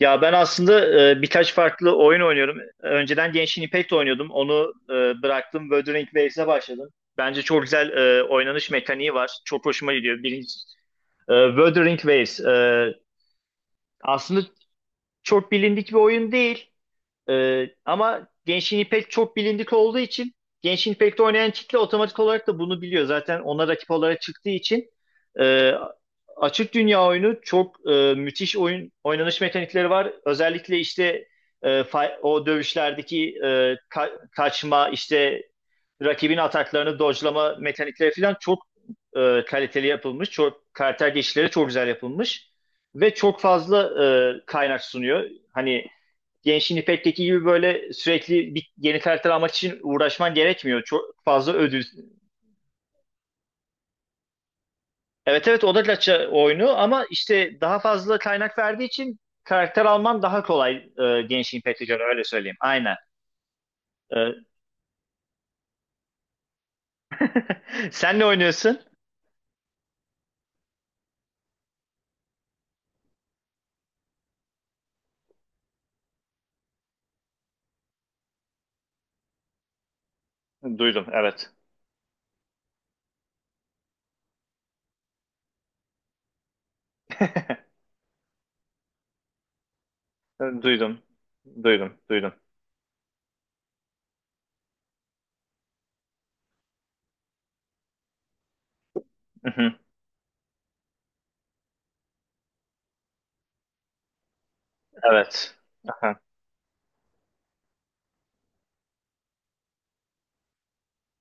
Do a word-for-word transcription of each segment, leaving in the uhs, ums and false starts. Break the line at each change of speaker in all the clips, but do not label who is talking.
Ya ben aslında e, birkaç farklı oyun oynuyorum. Önceden Genshin Impact oynuyordum. Onu e, bıraktım. Wuthering Waves'e başladım. Bence çok güzel e, oynanış mekaniği var. Çok hoşuma gidiyor. Birinci, e, Wuthering Waves. E, aslında çok bilindik bir oyun değil. Ee, ama Genshin Impact çok bilindik olduğu için Genshin Impact'te oynayan kitle otomatik olarak da bunu biliyor. Zaten ona rakip olarak çıktığı için e, açık dünya oyunu çok e, müthiş oyun oynanış mekanikleri var. Özellikle işte e, fa- o dövüşlerdeki e, ka- kaçma, işte rakibin ataklarını dodge'lama mekanikleri falan çok e, kaliteli yapılmış. Çok karakter geçişleri çok güzel yapılmış ve çok fazla e, kaynak sunuyor. Hani Genshin Impact'teki gibi böyle sürekli bir yeni karakter almak için uğraşman gerekmiyor. Çok fazla ödül. Evet, evet, o da gacha oyunu ama işte daha fazla kaynak verdiği için karakter alman daha kolay e, Genshin Impact'e göre öyle söyleyeyim. Aynen. E, Sen ne oynuyorsun? Duydum, evet. Duydum. Duydum. Duydum. Mhm. Evet. Aha.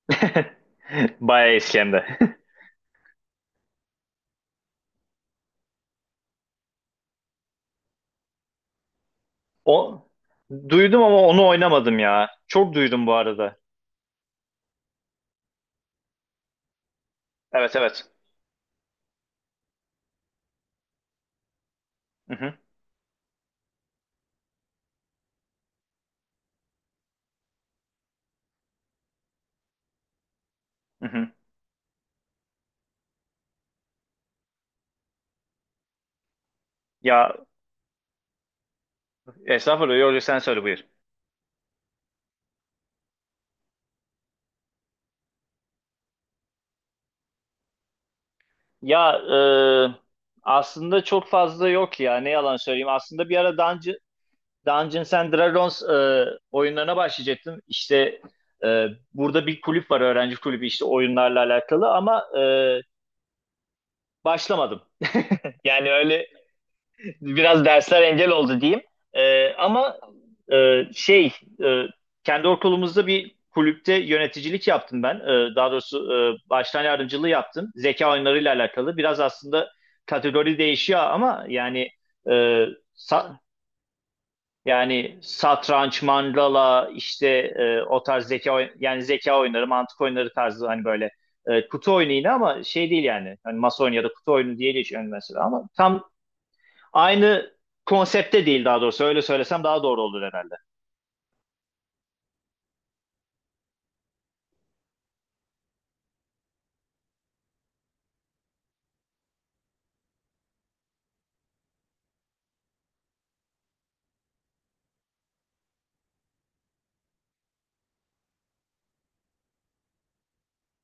Bayağı eski hem de. O, duydum ama onu oynamadım ya. Çok duydum bu arada. Evet, evet. Mhm. Mhm. Ya, estağfurullah yok, sen söyle, buyur. Ya e, aslında çok fazla yok ya, ne yalan söyleyeyim. Aslında bir ara Dungeon, Dungeons and Dragons e, oyunlarına başlayacaktım. İşte e, burada bir kulüp var, öğrenci kulübü, işte oyunlarla alakalı ama e, başlamadım. Yani öyle. Biraz dersler engel oldu diyeyim. Ee, ama e, şey, e, kendi okulumuzda bir kulüpte yöneticilik yaptım ben. Ee, daha doğrusu e, baştan yardımcılığı yaptım. Zeka oyunlarıyla alakalı. Biraz aslında kategori değişiyor ama yani e, sa- yani satranç, mandala, işte e, o tarz zeka oy- yani zeka oyunları, mantık oyunları tarzı hani böyle e, kutu oyunu yine ama şey değil yani. Hani masa oyunu ya da kutu oyunu diye geçiyor mesela ama tam aynı konsepte değil daha doğrusu. Öyle söylesem daha doğru olur herhalde.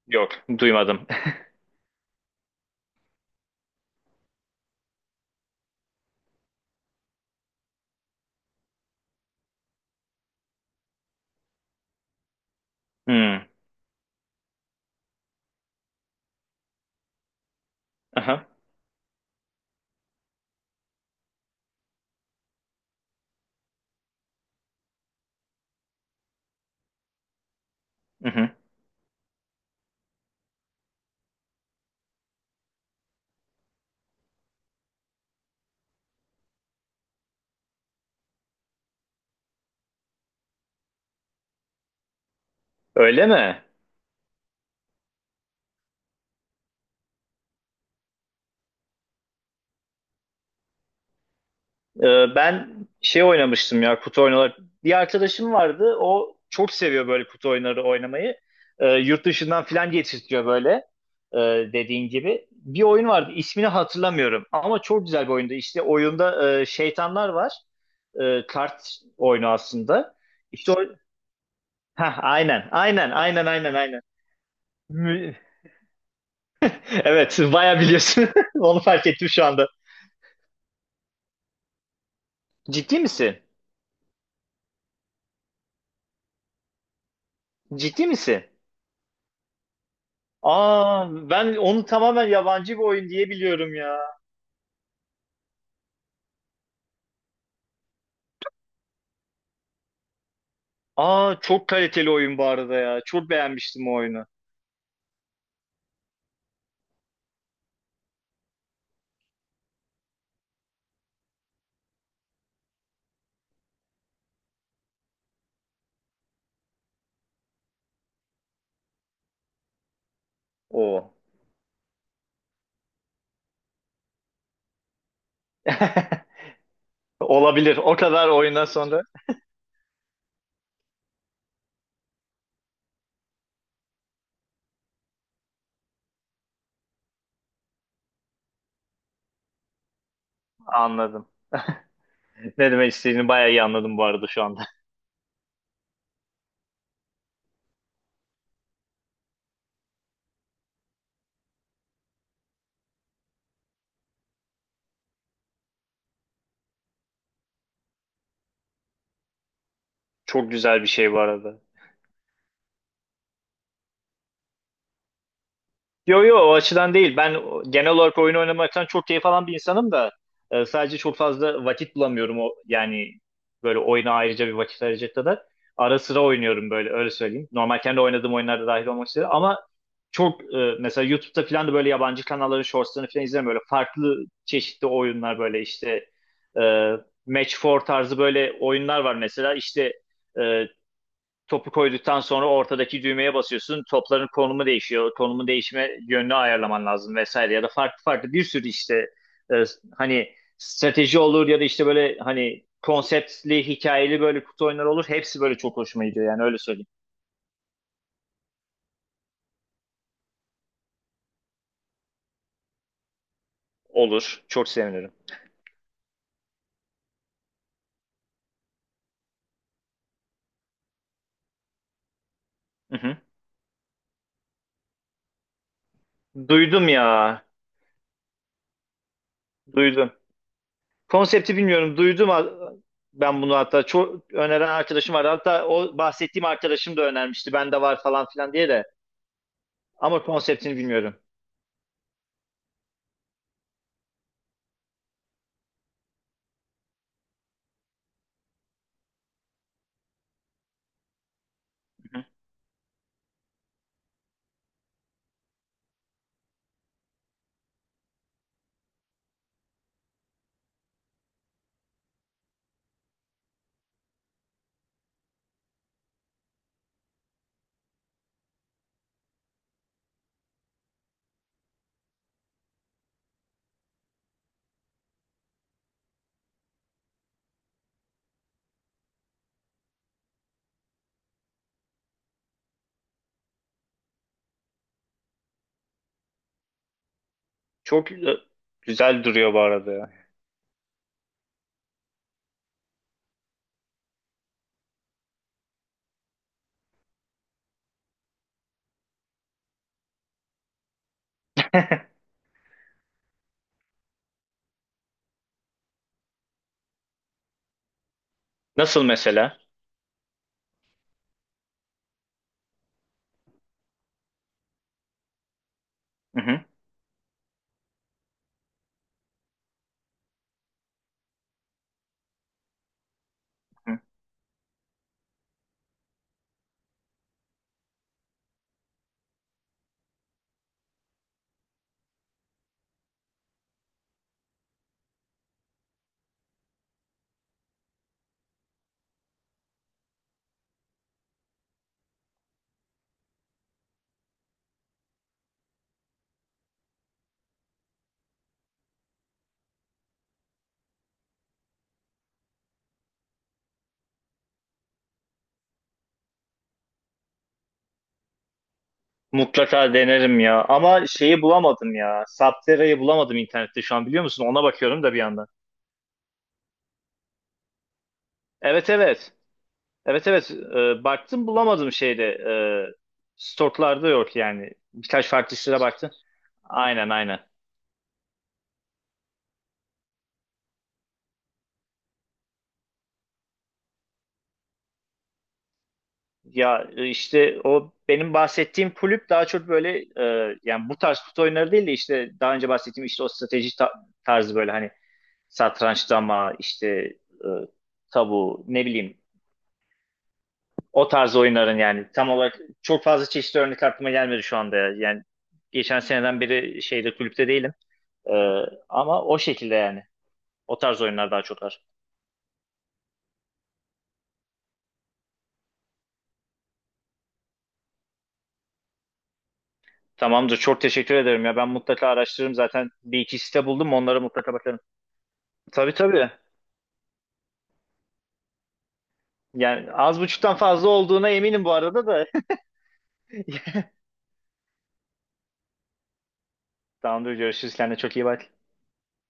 Yok, duymadım. Hmm. Aha. Hı. Öyle mi? Ee, ben şey oynamıştım ya, kutu oyunları. Bir arkadaşım vardı. O çok seviyor böyle kutu oyunları oynamayı. Ee, yurt dışından filan getirtiyor böyle. Ee, Dediğin gibi. Bir oyun vardı. İsmini hatırlamıyorum. Ama çok güzel bir oyundu. İşte oyunda e, şeytanlar var. Ee, kart oyunu aslında. İşte o... Heh, aynen. Aynen. Aynen. Aynen. Aynen. Evet, bayağı biliyorsun. Onu fark ettim şu anda. Ciddi misin? Ciddi misin? Aa, ben onu tamamen yabancı bir oyun diye biliyorum ya. Aa, çok kaliteli oyun bu arada ya. Çok beğenmiştim o oyunu. Oo. Olabilir. O kadar oyundan sonra anladım. Ne demek istediğini bayağı iyi anladım bu arada şu anda. Çok güzel bir şey bu arada. Yo, yo, o açıdan değil. Ben o- genel olarak oyun oynamaktan çok keyif alan bir insanım da e, sadece çok fazla vakit bulamıyorum, o yani böyle oyuna ayrıca bir vakit ayıracak kadar. Ara sıra oynuyorum böyle, öyle söyleyeyim. Normal kendi oynadığım oyunlarda dahil olmak üzere ama çok e, mesela YouTube'da falan da böyle yabancı kanalların shortslarını falan izlerim, böyle farklı çeşitli oyunlar böyle işte e, Match four tarzı böyle oyunlar var mesela, işte e, topu koyduktan sonra ortadaki düğmeye basıyorsun. Topların konumu değişiyor. Konumun değişme yönünü ayarlaman lazım vesaire, ya da farklı farklı bir sürü işte e, hani strateji olur ya da işte böyle hani konseptli, hikayeli böyle kutu oyunları olur. Hepsi böyle çok hoşuma gidiyor, yani öyle söyleyeyim. Olur. Çok sevinirim. Hı hı. Duydum ya. Duydum. Konsepti bilmiyorum. Duydum a- ben bunu hatta çok öneren arkadaşım vardı. Hatta o bahsettiğim arkadaşım da önermişti. Bende var falan filan diye de. Ama konseptini bilmiyorum. Çok güzel, güzel duruyor bu arada ya. Nasıl mesela? Hı hı. Hı. Mutlaka denerim ya. Ama şeyi bulamadım ya. Subterra'yı bulamadım internette şu an, biliyor musun? Ona bakıyorum da bir yandan. Evet, evet. Evet, evet. Ee, baktım, bulamadım şeyde. Ee, stoklarda yok yani. Birkaç farklı sitede baktım. Aynen, aynen. Ya e, işte o benim bahsettiğim kulüp daha çok böyle e, yani bu tarz kutu oyunları değil de işte daha önce bahsettiğim işte o strateji ta- tarzı böyle hani satrançlama, işte e, tabu, ne bileyim, o tarz oyunların, yani tam olarak çok fazla çeşitli örnek aklıma gelmedi şu anda. Yani geçen seneden beri şeyde, kulüpte değilim. E, Ama o şekilde yani. O tarz oyunlar daha çok var. Tamamdır. Çok teşekkür ederim ya. Ben mutlaka araştırırım. Zaten bir iki site buldum. Onlara mutlaka bakarım. Tabii, tabii. Yani az buçuktan fazla olduğuna eminim bu arada da. Tamamdır. Görüşürüz. Kendine çok iyi bak.